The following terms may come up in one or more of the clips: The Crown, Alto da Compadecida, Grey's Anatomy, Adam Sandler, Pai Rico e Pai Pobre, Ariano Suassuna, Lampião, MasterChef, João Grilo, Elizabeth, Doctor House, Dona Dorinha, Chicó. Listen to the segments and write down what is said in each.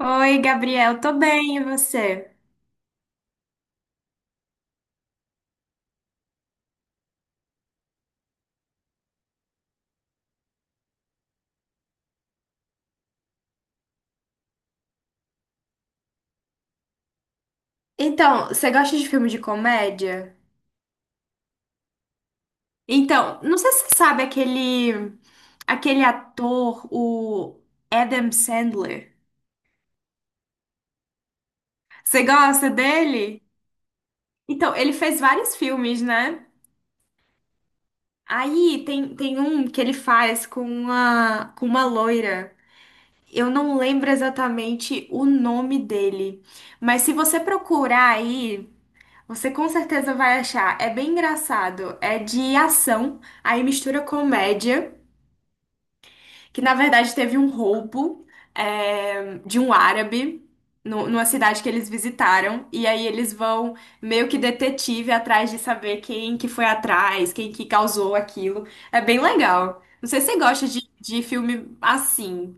Oi, Gabriel, tô bem, e você? Então, você gosta de filme de comédia? Então, não sei se você sabe aquele ator, o Adam Sandler. Você gosta dele? Então, ele fez vários filmes, né? Aí tem um que ele faz com uma loira. Eu não lembro exatamente o nome dele, mas se você procurar aí você com certeza vai achar. É bem engraçado. É de ação, aí mistura comédia, que na verdade teve um roubo, é, de um árabe numa cidade que eles visitaram. E aí eles vão meio que detetive atrás de saber quem que foi atrás, quem que causou aquilo. É bem legal. Não sei se você gosta de filme assim.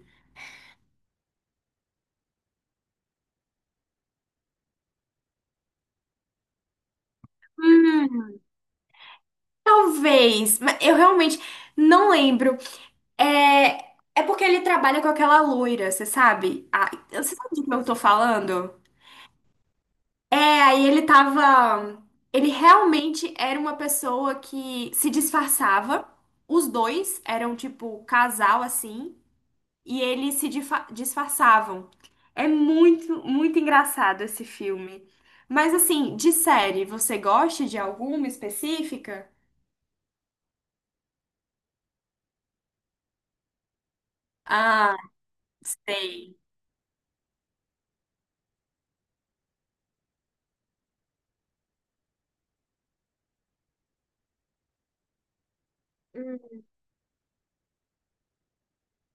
Hum, talvez, mas eu realmente não lembro. É porque ele trabalha com aquela loira, você sabe? Ah, você sabe do que eu tô falando? É, aí ele tava. Ele realmente era uma pessoa que se disfarçava. Os dois eram tipo casal assim. E eles se difa- disfarçavam. É muito, muito engraçado esse filme. Mas assim, de série, você gosta de alguma específica? Ah, sei.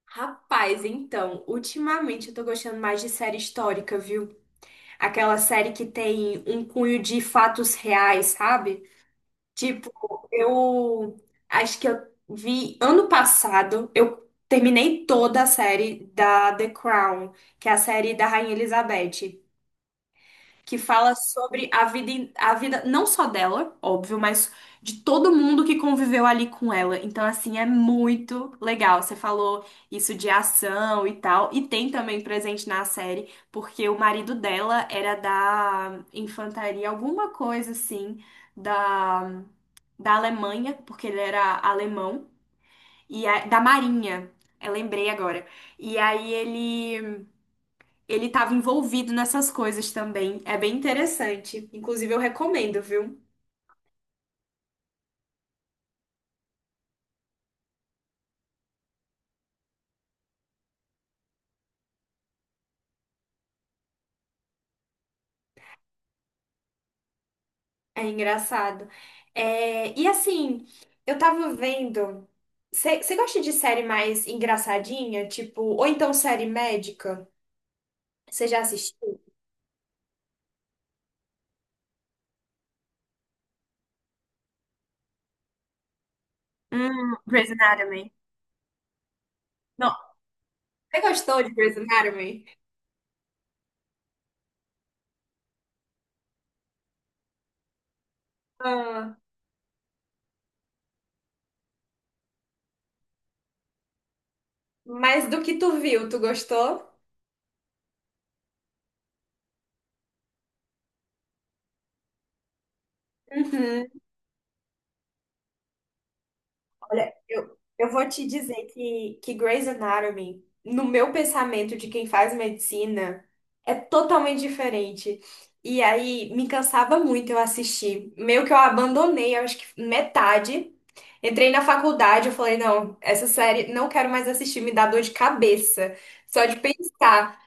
Rapaz, então, ultimamente eu tô gostando mais de série histórica, viu? Aquela série que tem um cunho de fatos reais, sabe? Tipo, eu acho que eu vi ano passado, eu terminei toda a série da The Crown, que é a série da Rainha Elizabeth que fala sobre a vida não só dela, óbvio, mas de todo mundo que conviveu ali com ela. Então, assim, é muito legal. Você falou isso de ação e tal, e tem também presente na série, porque o marido dela era da infantaria, alguma coisa assim, da, da Alemanha, porque ele era alemão, e da Marinha. Eu lembrei agora. E aí ele estava envolvido nessas coisas também. É bem interessante. Inclusive, eu recomendo, viu? É engraçado. É, e assim, eu tava vendo. Você gosta de série mais engraçadinha? Tipo, ou então série médica? Você já assistiu? Grey's Anatomy. Não. Você gostou de Grey's Anatomy? Ah, mas do que tu viu, tu gostou? Uhum. Olha, eu vou te dizer que Grey's Anatomy, no meu pensamento de quem faz medicina, é totalmente diferente. E aí me cansava muito eu assistir. Meio que eu abandonei, eu acho que metade. Entrei na faculdade, eu falei, não, essa série não quero mais assistir, me dá dor de cabeça. Só de pensar.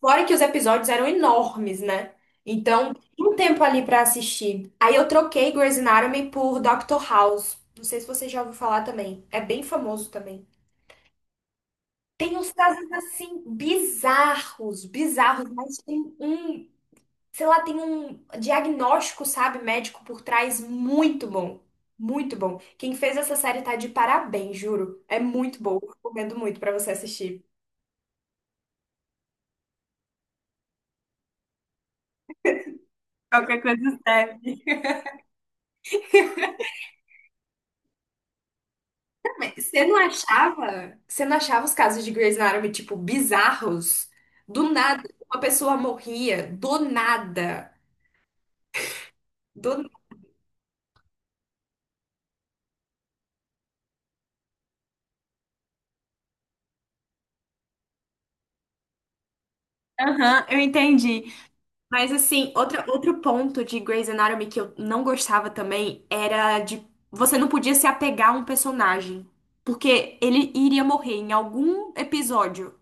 Fora que os episódios eram enormes, né? Então, tinha um tempo ali pra assistir. Aí eu troquei Grey's Anatomy por Doctor House. Não sei se você já ouviu falar também. É bem famoso também. Tem uns casos assim bizarros, bizarros, mas tem um, sei lá, tem um diagnóstico, sabe, médico por trás muito bom. Muito bom. Quem fez essa série tá de parabéns, juro. É muito boa. Recomendo muito pra você assistir. Qualquer coisa serve. Você não achava? Você não achava os casos de Grey's Anatomy, tipo, bizarros? Do nada, uma pessoa morria, do nada. Do... Aham, eu entendi. Mas assim, outro ponto de Grey's Anatomy que eu não gostava também era de você não podia se apegar a um personagem, porque ele iria morrer em algum episódio.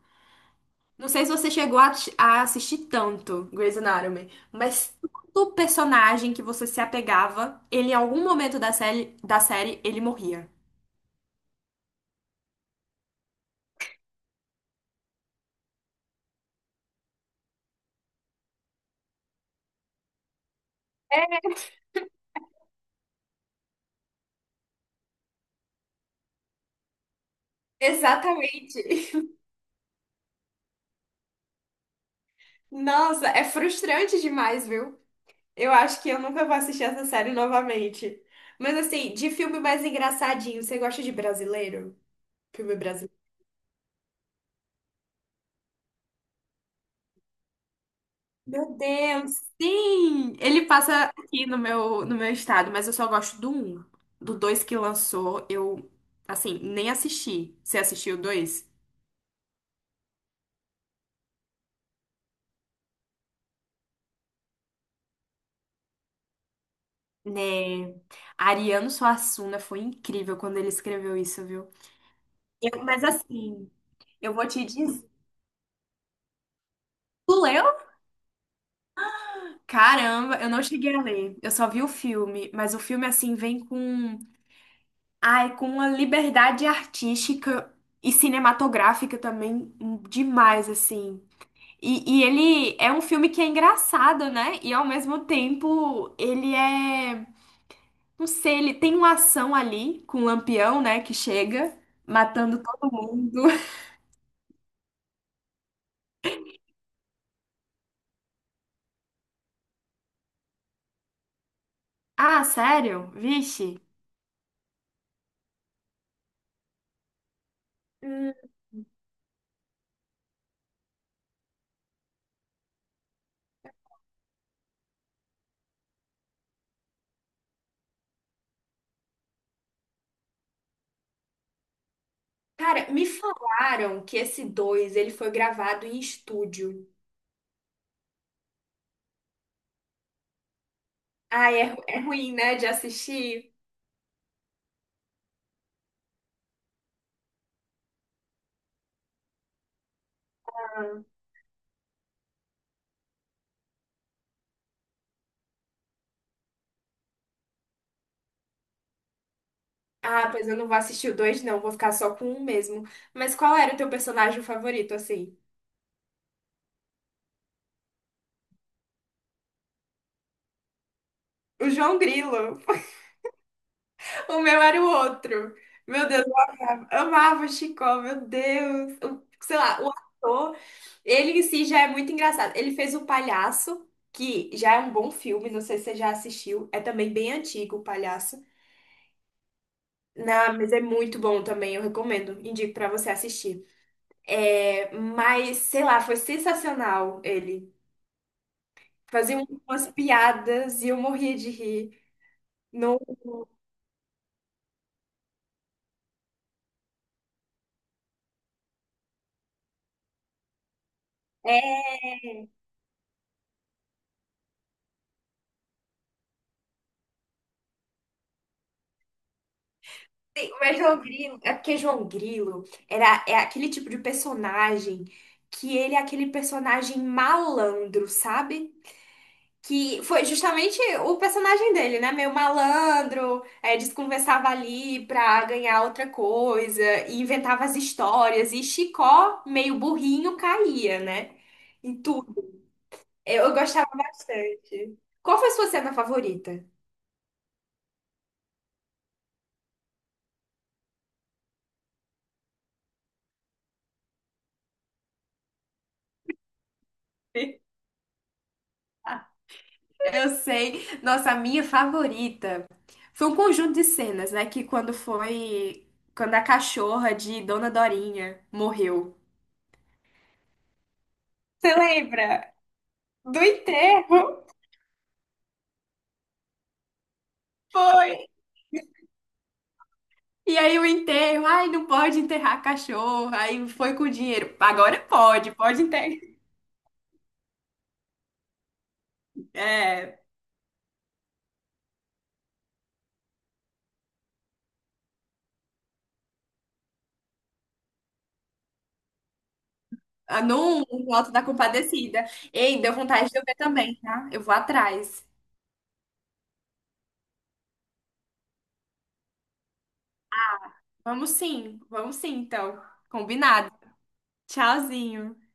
Não sei se você chegou a assistir tanto Grey's Anatomy, mas todo personagem que você se apegava, ele em algum momento da série, ele morria. Exatamente. Nossa, é frustrante demais, viu? Eu acho que eu nunca vou assistir essa série novamente. Mas assim, de filme mais engraçadinho, você gosta de brasileiro? Filme brasileiro? Meu Deus, sim! Ele passa aqui no meu, no meu estado, mas eu só gosto do um. Do dois que lançou, eu, assim, nem assisti. Você assistiu o dois? Né? Ariano Suassuna foi incrível quando ele escreveu isso, viu? Mas assim, eu vou te dizer. Tu leu? Caramba, eu não cheguei a ler. Eu só vi o filme, mas o filme assim vem com, ai, com uma liberdade artística e cinematográfica também demais assim. E ele é um filme que é engraçado, né? E ao mesmo tempo, ele é. Não sei, ele tem uma ação ali com o Lampião, né? Que chega matando todo mundo. Ah, sério? Vixe. Hum, cara, me falaram que esse 2 ele foi gravado em estúdio. Ah, é, é ruim, né? De assistir. Ah, pois eu não vou assistir o 2, não. Vou ficar só com um mesmo. Mas qual era o teu personagem favorito, assim? O João Grilo. O meu era o outro. Meu Deus, eu amava, amava o Chicó, meu Deus. O- sei lá, o ator, ele em si já é muito engraçado. Ele fez o Palhaço, que já é um bom filme, não sei se você já assistiu. É também bem antigo o Palhaço. Não, mas é muito bom também, eu recomendo. Indico pra você assistir. É, mas, sei lá, foi sensacional ele. Fazia umas piadas e eu morria de rir. Sim, mas João Grilo, é porque João Grilo era, é aquele tipo de personagem que ele é aquele personagem malandro, sabe? Que foi justamente o personagem dele, né? Meio malandro, é, desconversava ali pra ganhar outra coisa, e inventava as histórias, e Chicó, meio burrinho, caía, né? Em tudo. Eu gostava bastante. Qual foi a sua cena favorita? Eu sei. Nossa, a minha favorita foi um conjunto de cenas, né? Que quando foi. Quando a cachorra de Dona Dorinha morreu. Você lembra do enterro? Foi. E aí o enterro, ai, não pode enterrar a cachorra, aí foi com o dinheiro. Agora pode, pode enterrar. É, ah, no no Alto da Compadecida. Ei, deu vontade de eu ver também, tá? Eu vou atrás. Vamos sim, então. Combinado. Tchauzinho.